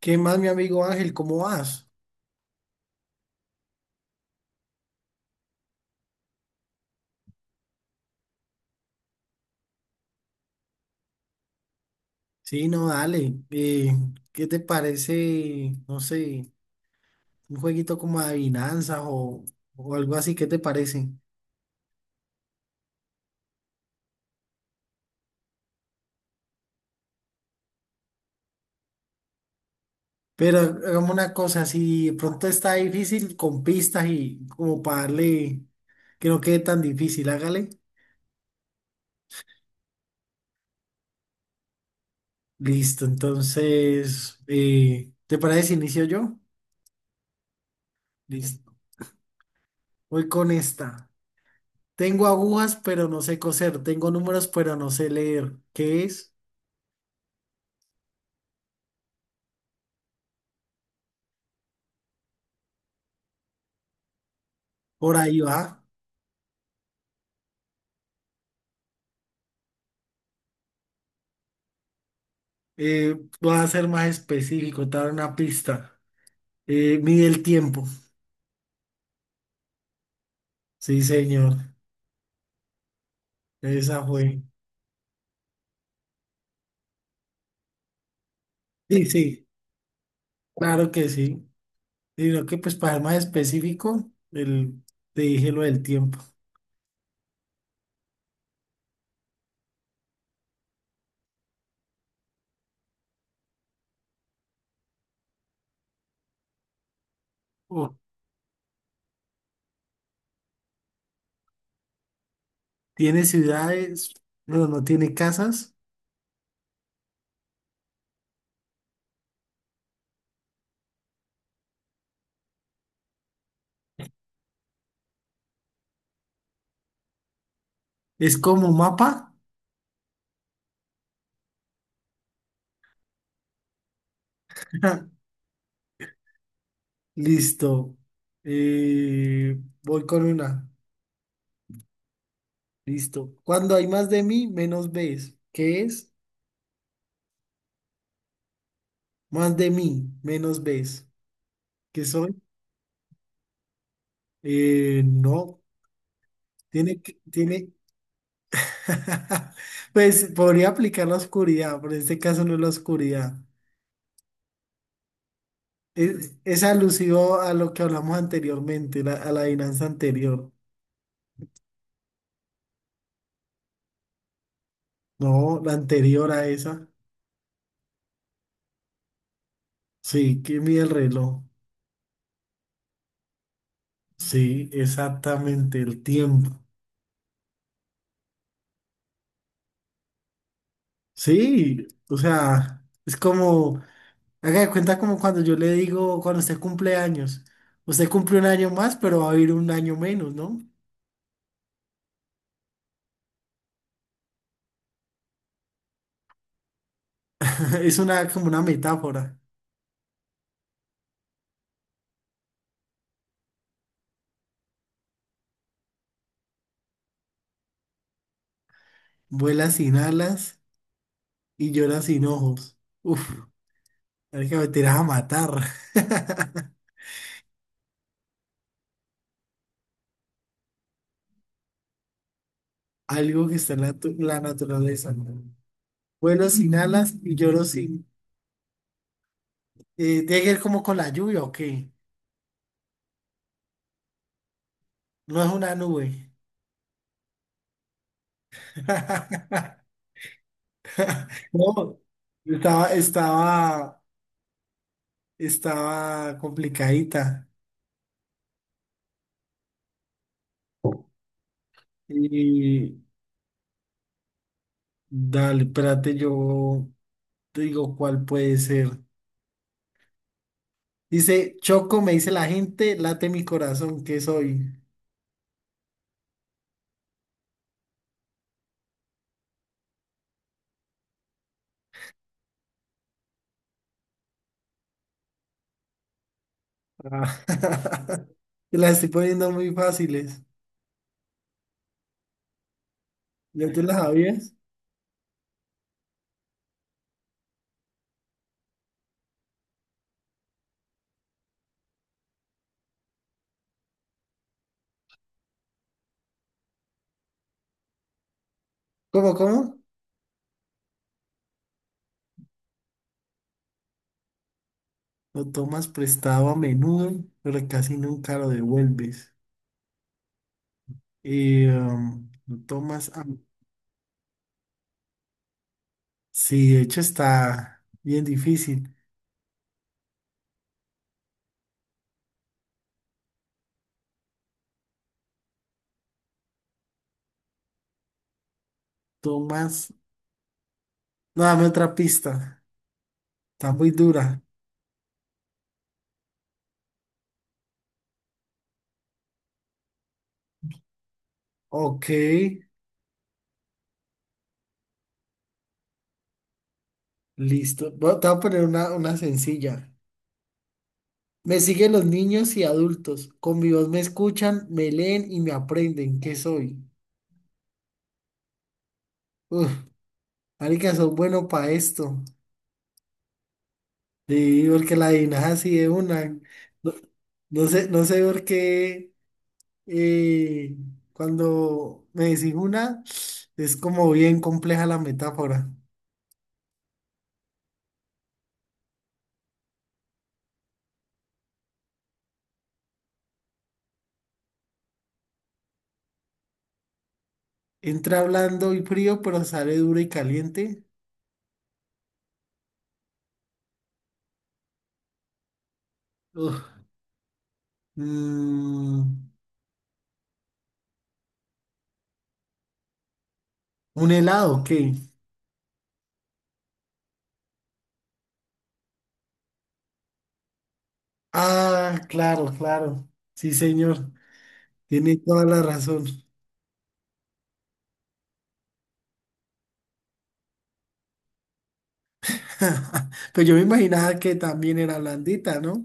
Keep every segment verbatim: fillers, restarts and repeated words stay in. ¿Qué más, mi amigo Ángel? ¿Cómo vas? Sí, no, dale. Eh, ¿qué te parece, no sé, un jueguito como adivinanzas o, o algo así? ¿Qué te parece? Pero hagamos una cosa, si de pronto está difícil con pistas y como para darle que no quede tan difícil, hágale. Listo, entonces, eh, ¿te parece si inicio yo? Listo. Voy con esta. Tengo agujas, pero no sé coser. Tengo números, pero no sé leer. ¿Qué es? Por ahí va. Eh, voy a ser más específico, te voy a dar una pista. Eh, mide el tiempo. Sí, señor. Esa fue. Sí, sí, claro que sí. Sino que pues para ser más específico, el, te dije lo del tiempo. Oh, tiene ciudades, no, no tiene casas. Es como mapa. Listo. Eh, voy con una. Listo. Cuando hay más de mí, menos ves. ¿Qué es? Más de mí, menos ves. ¿Qué soy? Eh, no, tiene que, tiene, pues podría aplicar la oscuridad, pero en este caso no es la oscuridad. Es, es alusivo a lo que hablamos anteriormente, la- a la adivinanza anterior. No, la anterior a esa. Sí, que mide el reloj. Sí, exactamente, el tiempo. Sí, o sea, es como, haga de cuenta como cuando yo le digo, cuando usted cumple años, usted cumple un año más, pero va a vivir un año menos, ¿no? Es una como una metáfora. Vuela sin alas y llora sin ojos. Uf, hay que meter a matar. Algo que está en la, tu- la naturaleza. ¿No? Vuelo sin alas y lloro sin. Eh, tiene que ver como con la lluvia, ¿o qué? No es una nube. No, estaba, estaba, estaba complicadita. Y dale, espérate, yo te digo cuál puede ser. Dice, Choco, me dice la gente, late mi corazón, ¿qué soy? Ah, te las estoy poniendo muy fáciles. ¿Ya te las sabías? ¿Cómo, cómo? Lo tomas prestado a menudo, pero casi nunca lo devuelves. Y, um, lo tomas a... Sí, de hecho está bien difícil. Tomas... No, dame otra pista. Está muy dura. Ok, listo. Bueno, te voy a poner una, una sencilla. Me siguen los niños y adultos. Con mi voz me escuchan, me leen y me aprenden. ¿Qué soy? Uf, marica, son bueno para esto. Sí, porque la adivinas así de una. No, no sé, no sé por qué eh, cuando me decís una, es como bien compleja la metáfora. Entra blando y frío, pero sale duro y caliente. Uf, mm, un helado, ¿qué? Ah, claro, claro. Sí, señor. Tiene toda la razón. Pero yo me imaginaba que también era blandita, ¿no?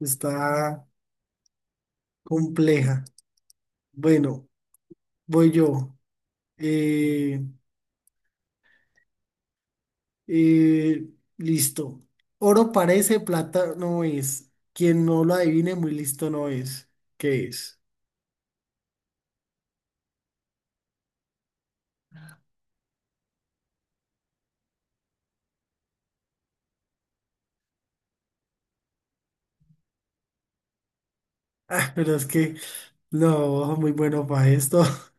Está compleja. Bueno, voy yo. Eh, eh, listo. Oro parece, plata no es. Quien no lo adivine, muy listo no es. ¿Qué es? Ah, pero es que no, muy bueno para esto.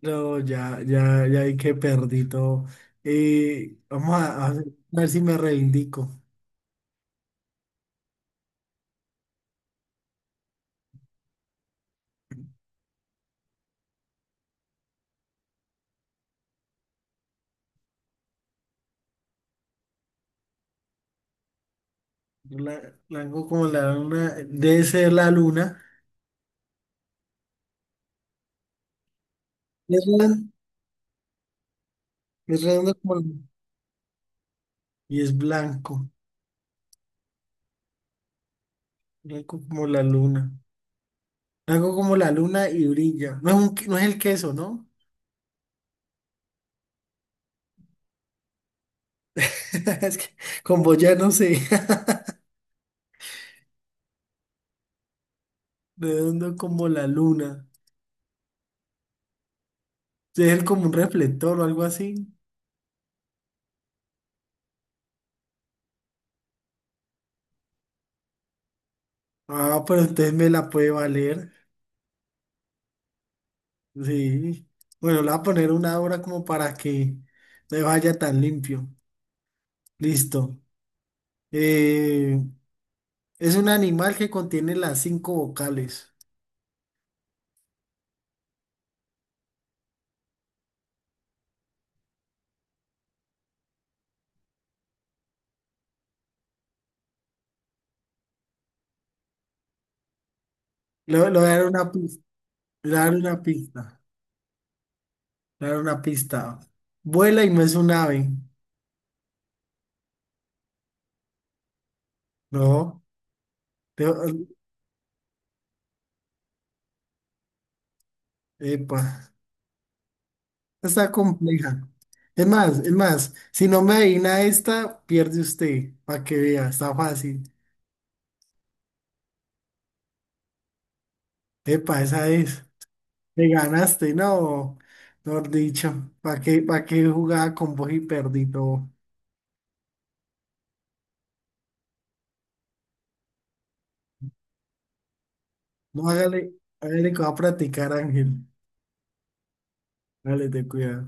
No, ya, ya, ya hay que perdí todo. Eh, vamos a, a ver si me reivindico. La, la hago como la luna, debe ser la luna. Es redondo, es redondo como la- y es blanco, blanco como la luna. La hago como la luna y brilla. No es, un que- no es el queso, ¿no? Es que como ya no sé. Redondo como la luna. Sí, es el como un reflector o algo así. Ah, pero entonces me la puede valer. Sí. Bueno, le voy a poner una hora como para que no vaya tan limpio. Listo. Eh, Es un animal que contiene las cinco vocales. Lo, lo voy a dar una pista. Le voy a dar una pista. Le voy a dar una pista. Vuela y no es un ave. No. Te- Epa. Está compleja. Es más, es más. Si no me adivina esta, pierde usted. Para que vea. Está fácil. Epa, esa es. Me ganaste. No. Mejor dicho. ¿Para qué, para qué jugaba con vos y perdí todo? No, hágale. Hágale que va a practicar, Ángel. Hágale, te cuidado.